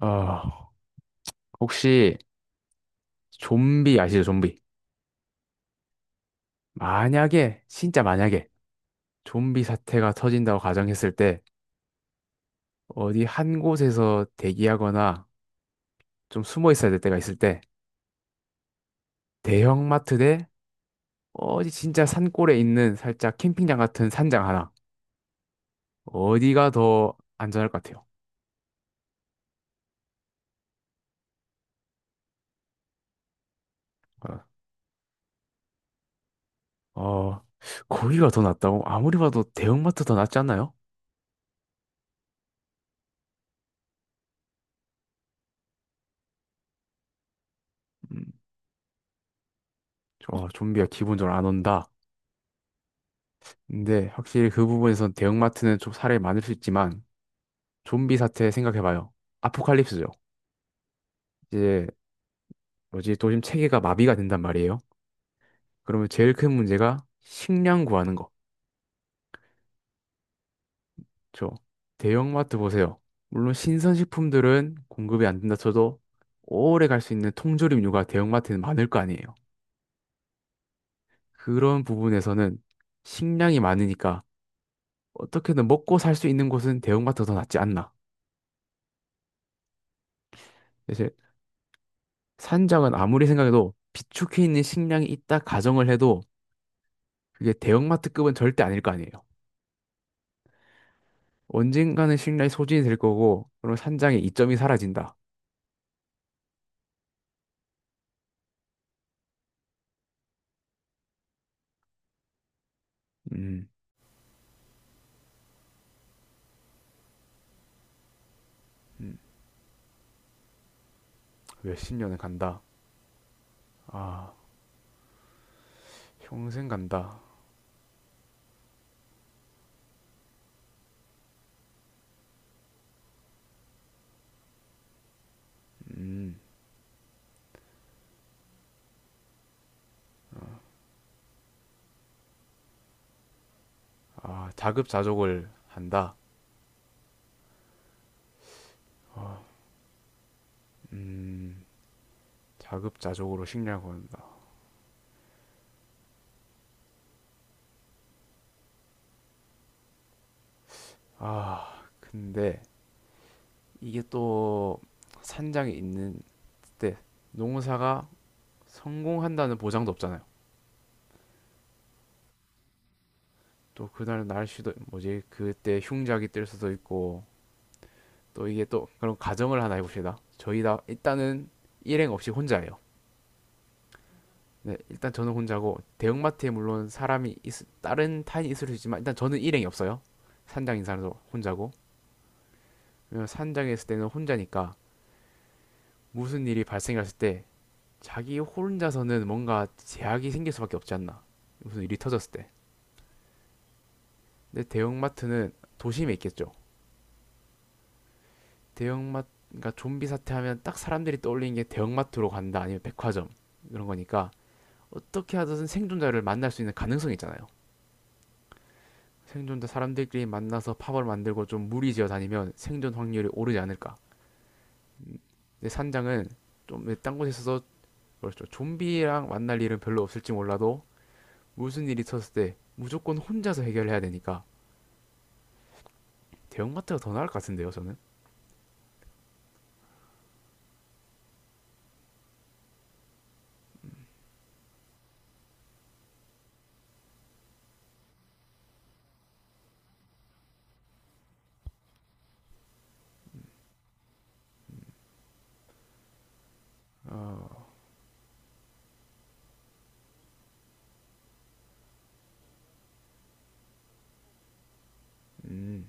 어, 혹시 좀비 아시죠? 좀비. 만약에, 진짜 만약에 좀비 사태가 터진다고 가정했을 때 어디 한 곳에서 대기하거나 좀 숨어 있어야 될 때가 있을 때 대형마트 대 어디 진짜 산골에 있는 살짝 캠핑장 같은 산장 하나. 어디가 더 안전할 것 같아요? 어, 어, 거기가 더 낫다고? 아무리 봐도 대형마트 더 낫지 않나요? 음, 어, 좀비가 기본적으로 안 온다. 근데 확실히 그 부분에선 대형마트는 좀 사례 많을 수 있지만 좀비 사태 생각해봐요. 아포칼립스죠. 이제 뭐지 도심 체계가 마비가 된단 말이에요. 그러면 제일 큰 문제가 식량 구하는 거. 저 대형마트 보세요. 물론 신선식품들은 공급이 안 된다 쳐도 오래 갈 수 있는 통조림류가 대형마트에는 많을 거 아니에요. 그런 부분에서는 식량이 많으니까 어떻게든 먹고 살 수 있는 곳은 대형마트가 더 낫지 않나. 사실 산장은 아무리 생각해도 비축해 있는 식량이 있다 가정을 해도 그게 대형마트급은 절대 아닐 거 아니에요. 언젠가는 신뢰의 소진이 될 거고, 그럼 산장의 이점이 사라진다. 음, 몇 십 년을 간다. 아, 평생 간다. 아, 자급자족을 한다. 자급자족으로 식량을 를한다 아, 근데 이게 또 산장에 있는 때 농사가 성공한다는 보장도 없잖아요. 또 그날 날씨도 뭐지? 그때 흉작이 뜰 수도 있고, 또 이게 또 그런 가정을 하나 해봅시다. 저희 다 일단은 일행 없이 혼자예요. 네, 일단 저는 혼자고 대형마트에 물론 다른 타인이 있을 수 있지만 일단 저는 일행이 없어요. 산장 인사도 혼자고. 왜냐면 산장에 있을 때는 혼자니까 무슨 일이 발생했을 때 자기 혼자서는 뭔가 제약이 생길 수밖에 없지 않나. 무슨 일이 터졌을 때. 근데 대형마트는 도심에 있겠죠. 대형마트 그러니까 좀비 사태 하면 딱 사람들이 떠올리는 게 대형마트로 간다 아니면 백화점 이런 거니까 어떻게 하든 생존자를 만날 수 있는 가능성이 있잖아요. 생존자 사람들끼리 만나서 팝을 만들고 좀 무리지어 다니면 생존 확률이 오르지 않을까. 근데 산장은 좀 딴 곳에 있어서 뭐랬죠? 좀비랑 만날 일은 별로 없을지 몰라도 무슨 일이 있었을 때 무조건 혼자서 해결해야 되니까 대형마트가 더 나을 것 같은데요, 저는. 음,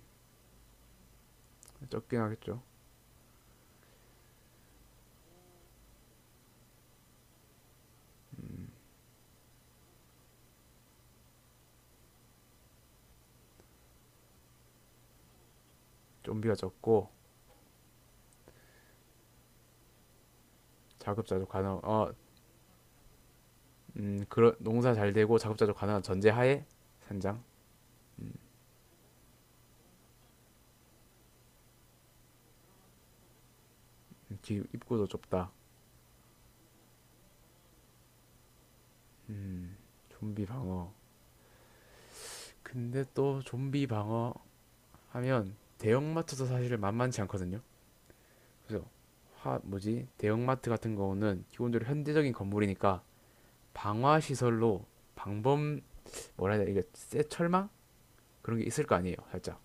적긴 하겠죠. 좀비가 적고 자급자족 가능. 그런 농사 잘 되고 자급자족 가능한 전제하에 산장. 음, 입구도 좁다. 좀비 방어. 근데 또 좀비 방어 하면 대형마트도 사실 만만치 않거든요. 그래서 하, 뭐지 대형마트 같은 경우는 기본적으로 현대적인 건물이니까 방화 시설로 방범 뭐라 해야 되나 이게 쇠 철망 그런 게 있을 거 아니에요, 살짝.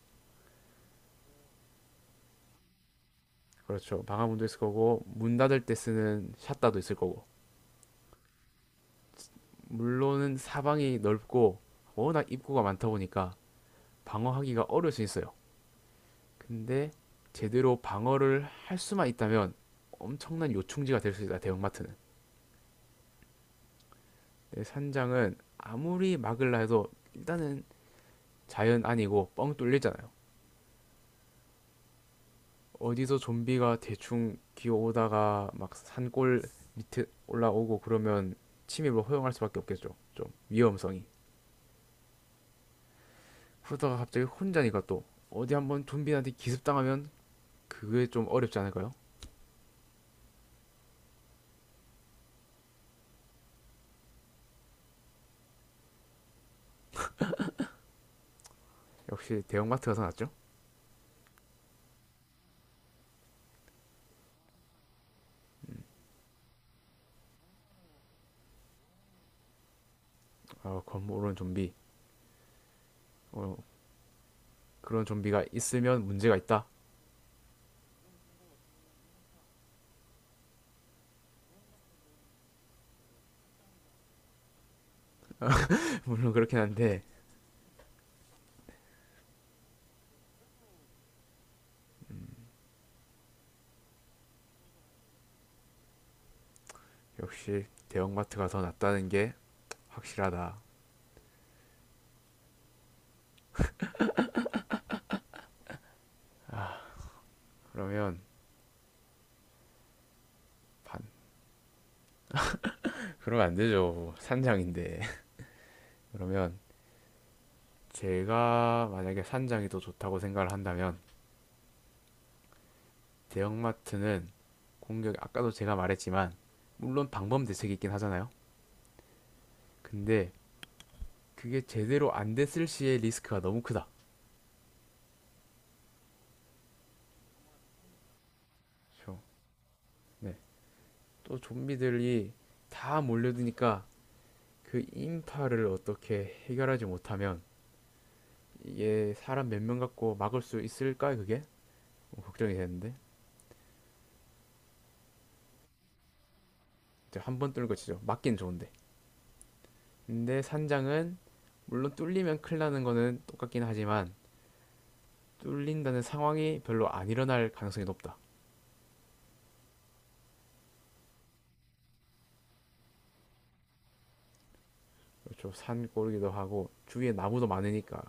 그렇죠. 방화문도 있을 거고 문 닫을 때 쓰는 샷다도 있을 거고. 물론은 사방이 넓고 워낙 입구가 많다 보니까 방어하기가 어려울 수 있어요. 근데 제대로 방어를 할 수만 있다면 엄청난 요충지가 될 수 있다, 대형마트는. 네, 산장은 아무리 막으려 해도 일단은 자연 아니고 뻥 뚫리잖아요. 어디서 좀비가 대충 기어오다가 막 산골 밑에 올라오고 그러면 침입을 허용할 수밖에 없겠죠. 좀 위험성이. 그러다가 갑자기 혼자니까 또 어디 한번 좀비한테 기습당하면 그게 좀 어렵지 않을까요? 역시 대형마트가 더 낫죠. 아, 건물은 좀비. 어, 그런 좀비가 있으면 문제가 있다. 물론 그렇긴 한데 역시 대형마트가 더 낫다는 게 확실하다. 그러면 반. 그러면 안 되죠. 산장인데. 그러면 제가 만약에 산장이 더 좋다고 생각을 한다면 대형마트는 공격 아까도 제가 말했지만 물론 방법 대책이 있긴 하잖아요. 근데 그게 제대로 안 됐을 시에 리스크가 너무 크다. 그렇죠. 네. 또 좀비들이 다 몰려드니까 그 인파를 어떻게 해결하지 못하면 이게 사람 몇 명 갖고 막을 수 있을까 그게 뭐 걱정이 되는데 한 번 뚫는 거 치죠. 막긴 좋은데. 근데 산장은 물론 뚫리면 큰일 나는 거는 똑같긴 하지만 뚫린다는 상황이 별로 안 일어날 가능성이 높다. 그렇죠. 산골이기도 하고 주위에 나무도 많으니까.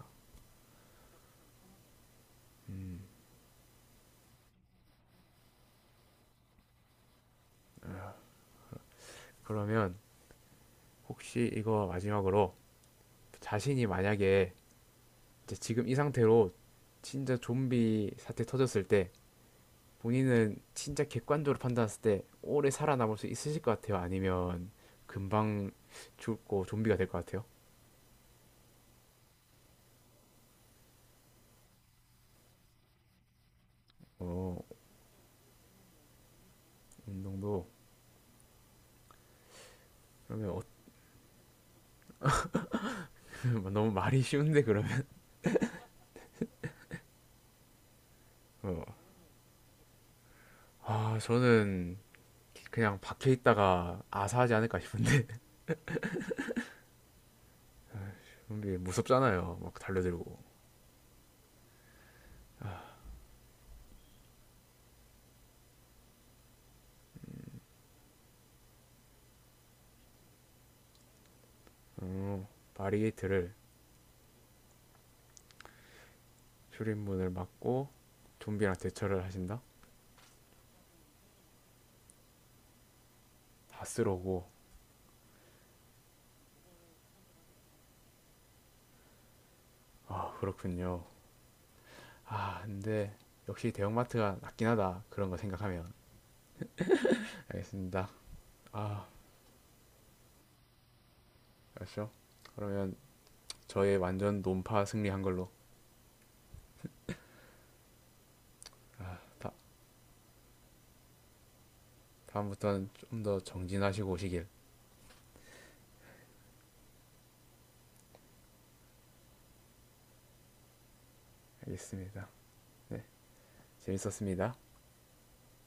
그러면 혹시 이거 마지막으로 자신이 만약에 이제 지금 이 상태로 진짜 좀비 사태 터졌을 때 본인은 진짜 객관적으로 판단했을 때 오래 살아남을 수 있으실 것 같아요? 아니면 금방 죽고 좀비가 될 것 같아요? 어, 운동도 그러면 너무 말이 쉬운데 그러면 어. 아 저는 그냥 밖에 있다가 아사하지 않을까 싶은데 좀비 무섭잖아요 막 달려들고 어, 바리게이트를 출입문을 막고 좀비랑 대처를 하신다? 다 쓰러고 아 그렇군요 아 근데 역시 대형마트가 낫긴 하다 그런 거 생각하면 알겠습니다 아 알았죠 그러면 저의 완전 논파 승리한 걸로 아, 다, 다음부터는 좀 더 정진하시고 오시길 알겠습니다 재밌었습니다